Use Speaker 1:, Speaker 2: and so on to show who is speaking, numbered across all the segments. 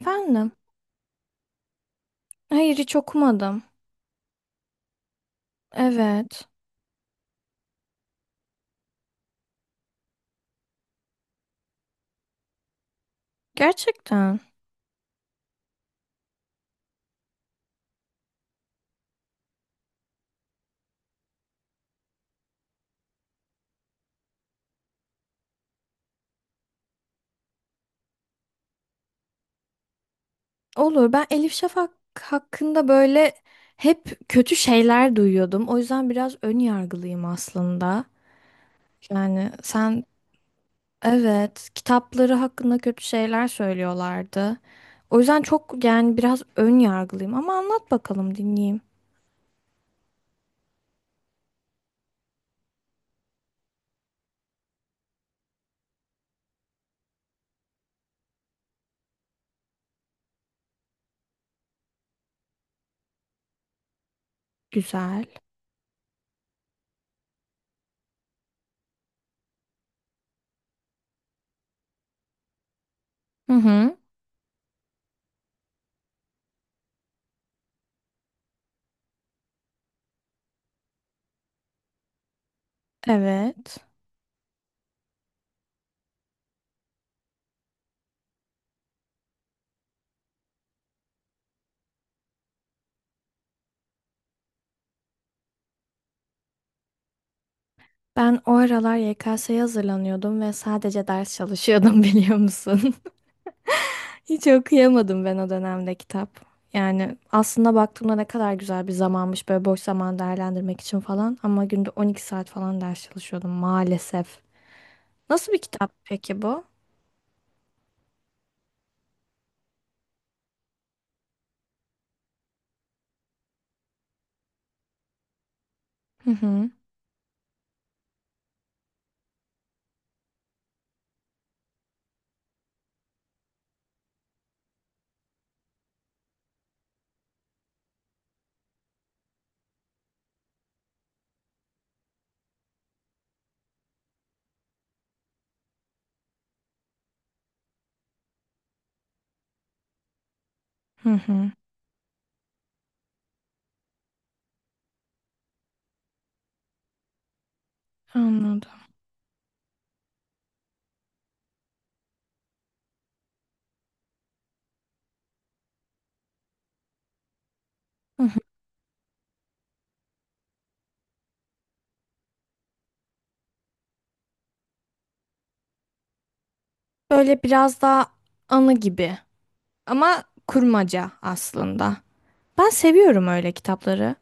Speaker 1: Efendim? Hayır, hiç okumadım. Evet. Gerçekten. Olur. Ben Elif Şafak hakkında böyle hep kötü şeyler duyuyordum. O yüzden biraz ön yargılıyım aslında. Yani sen, evet, kitapları hakkında kötü şeyler söylüyorlardı. O yüzden çok, yani biraz ön yargılıyım, ama anlat bakalım dinleyeyim. Güzel. Hı hı. Evet. Ben o aralar YKS'ye hazırlanıyordum ve sadece ders çalışıyordum. Biliyor musun? Hiç okuyamadım ben o dönemde kitap. Yani aslında baktığımda ne kadar güzel bir zamanmış böyle, boş zaman değerlendirmek için falan. Ama günde 12 saat falan ders çalışıyordum maalesef. Nasıl bir kitap peki bu? Hı hı. Hı hı. Anladım. Hı hı. Böyle biraz daha anı gibi ama kurmaca aslında. Ben seviyorum öyle kitapları.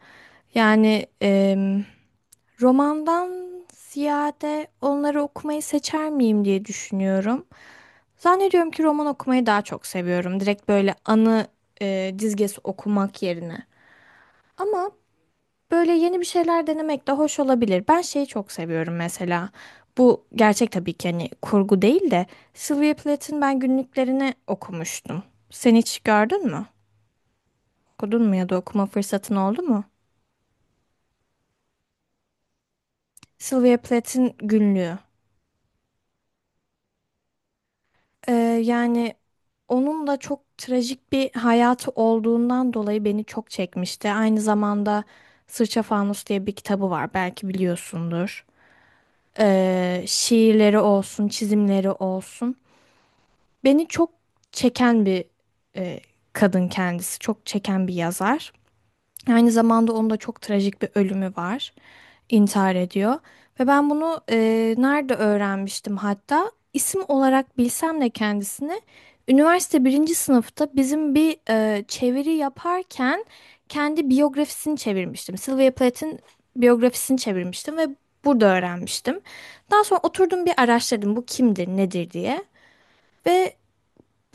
Speaker 1: Yani romandan ziyade onları okumayı seçer miyim diye düşünüyorum. Zannediyorum ki roman okumayı daha çok seviyorum. Direkt böyle anı dizgesi okumak yerine. Ama böyle yeni bir şeyler denemek de hoş olabilir. Ben şeyi çok seviyorum mesela. Bu gerçek tabii ki, hani kurgu değil de Sylvia Plath'ın ben günlüklerini okumuştum. Sen hiç gördün mü? Okudun mu ya da okuma fırsatın oldu mu? Sylvia Plath'ın günlüğü. Ee, yani onun da çok trajik bir hayatı olduğundan dolayı beni çok çekmişti. Aynı zamanda Sırça Fanus diye bir kitabı var, belki biliyorsundur. Şiirleri olsun, çizimleri olsun. Beni çok çeken bir e, kadın kendisi, çok çeken bir yazar. Aynı zamanda onun da çok trajik bir ölümü var. İntihar ediyor. Ve ben bunu nerede öğrenmiştim hatta? İsim olarak bilsem de kendisini üniversite birinci sınıfta bizim bir çeviri yaparken kendi biyografisini çevirmiştim. Sylvia Plath'in biyografisini çevirmiştim ve burada öğrenmiştim. Daha sonra oturdum, bir araştırdım bu kimdir, nedir diye. Ve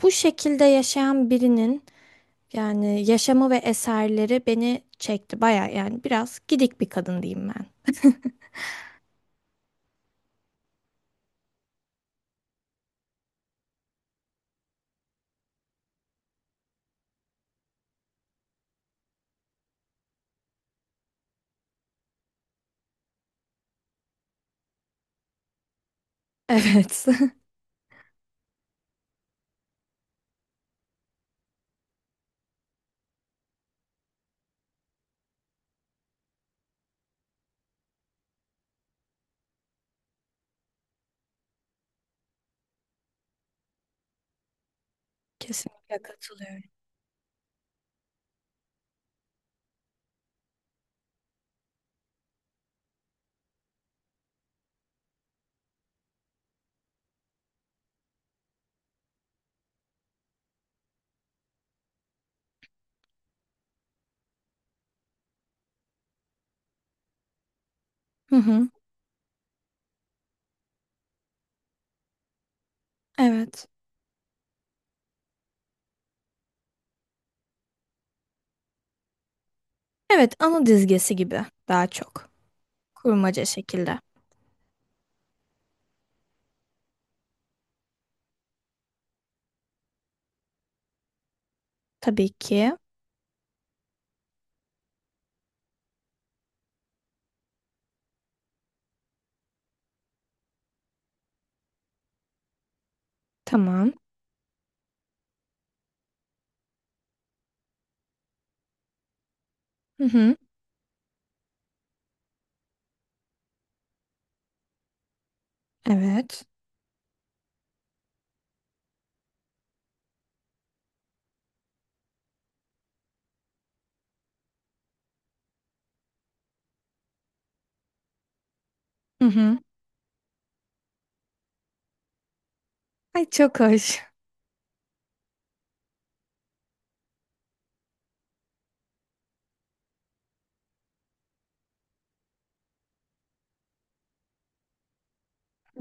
Speaker 1: bu şekilde yaşayan birinin yani yaşamı ve eserleri beni çekti baya, yani biraz gidik bir kadın diyeyim ben. Evet. Kesinlikle katılıyorum. Hı hı. Evet. Evet, anı dizgesi gibi daha çok. Kurmaca şekilde. Tabii ki. Tamam. Hı hı. Evet. Hı hı. Ay çok hoş.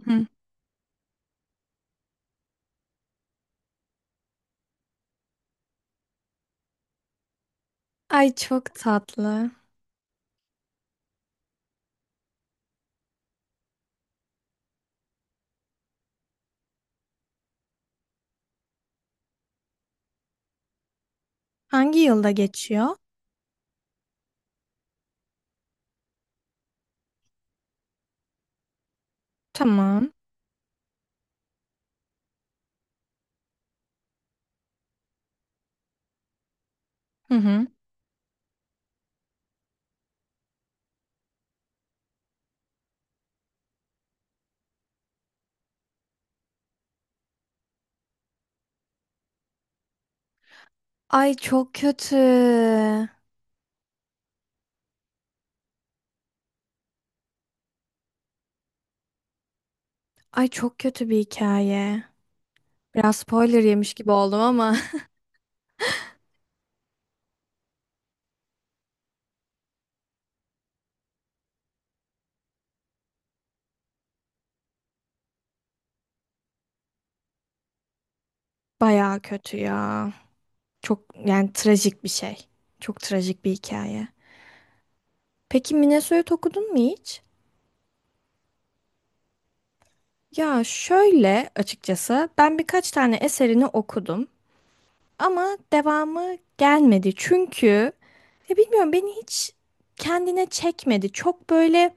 Speaker 1: Hı hı. Ay çok tatlı. Hangi yılda geçiyor? Tamam. Hı hı. Ay çok kötü. Ay çok kötü bir hikaye. Biraz spoiler yemiş gibi oldum ama. Bayağı kötü ya. Çok, yani trajik bir şey. Çok trajik bir hikaye. Peki Minnesota okudun mu hiç? Ya şöyle açıkçası ben birkaç tane eserini okudum ama devamı gelmedi. Çünkü ya bilmiyorum, beni hiç kendine çekmedi. Çok böyle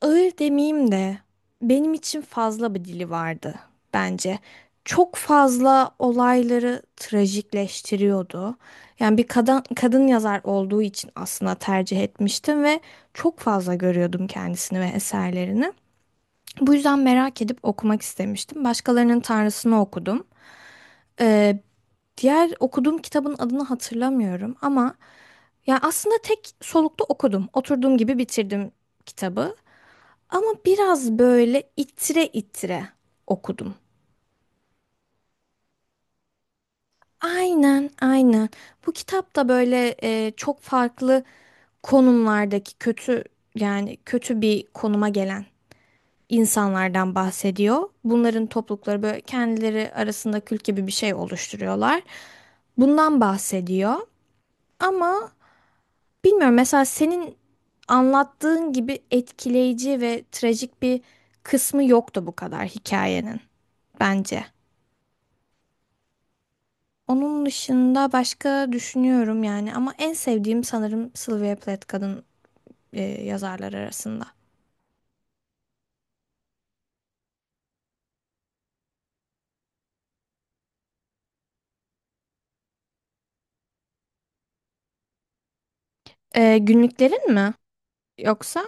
Speaker 1: ağır demeyeyim de benim için fazla bir dili vardı bence. Çok fazla olayları trajikleştiriyordu. Yani bir kadın, kadın yazar olduğu için aslında tercih etmiştim ve çok fazla görüyordum kendisini ve eserlerini. Bu yüzden merak edip okumak istemiştim. Başkalarının Tanrısını okudum. Ee, diğer okuduğum kitabın adını hatırlamıyorum ama yani aslında tek solukta okudum. Oturduğum gibi bitirdim kitabı. Ama biraz böyle itire itire okudum. Aynen, aynen. Bu kitap da böyle çok farklı konumlardaki kötü, yani kötü bir konuma gelen insanlardan bahsediyor. Bunların toplulukları böyle kendileri arasında kült gibi bir şey oluşturuyorlar. Bundan bahsediyor. Ama bilmiyorum, mesela senin anlattığın gibi etkileyici ve trajik bir kısmı yoktu bu kadar hikayenin bence. Onun dışında başka düşünüyorum yani, ama en sevdiğim sanırım Sylvia Plath kadın yazarlar arasında. Günlüklerin mi? Yoksa?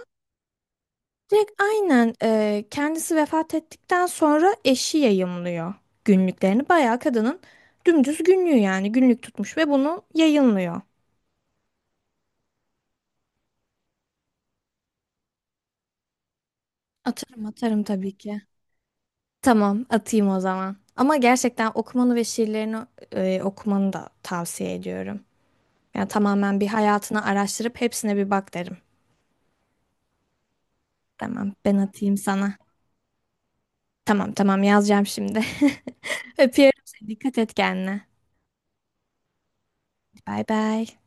Speaker 1: Direkt aynen kendisi vefat ettikten sonra eşi yayımlıyor günlüklerini. Bayağı kadının dümdüz günlüğü, yani günlük tutmuş ve bunu yayınlıyor. Atarım atarım tabii ki. Tamam, atayım o zaman. Ama gerçekten okumanı ve şiirlerini okumanı da tavsiye ediyorum. Yani tamamen bir hayatını araştırıp hepsine bir bak derim. Tamam ben atayım sana. Tamam tamam, yazacağım şimdi. Öpüyorum seni. Dikkat et kendine. Bay bay.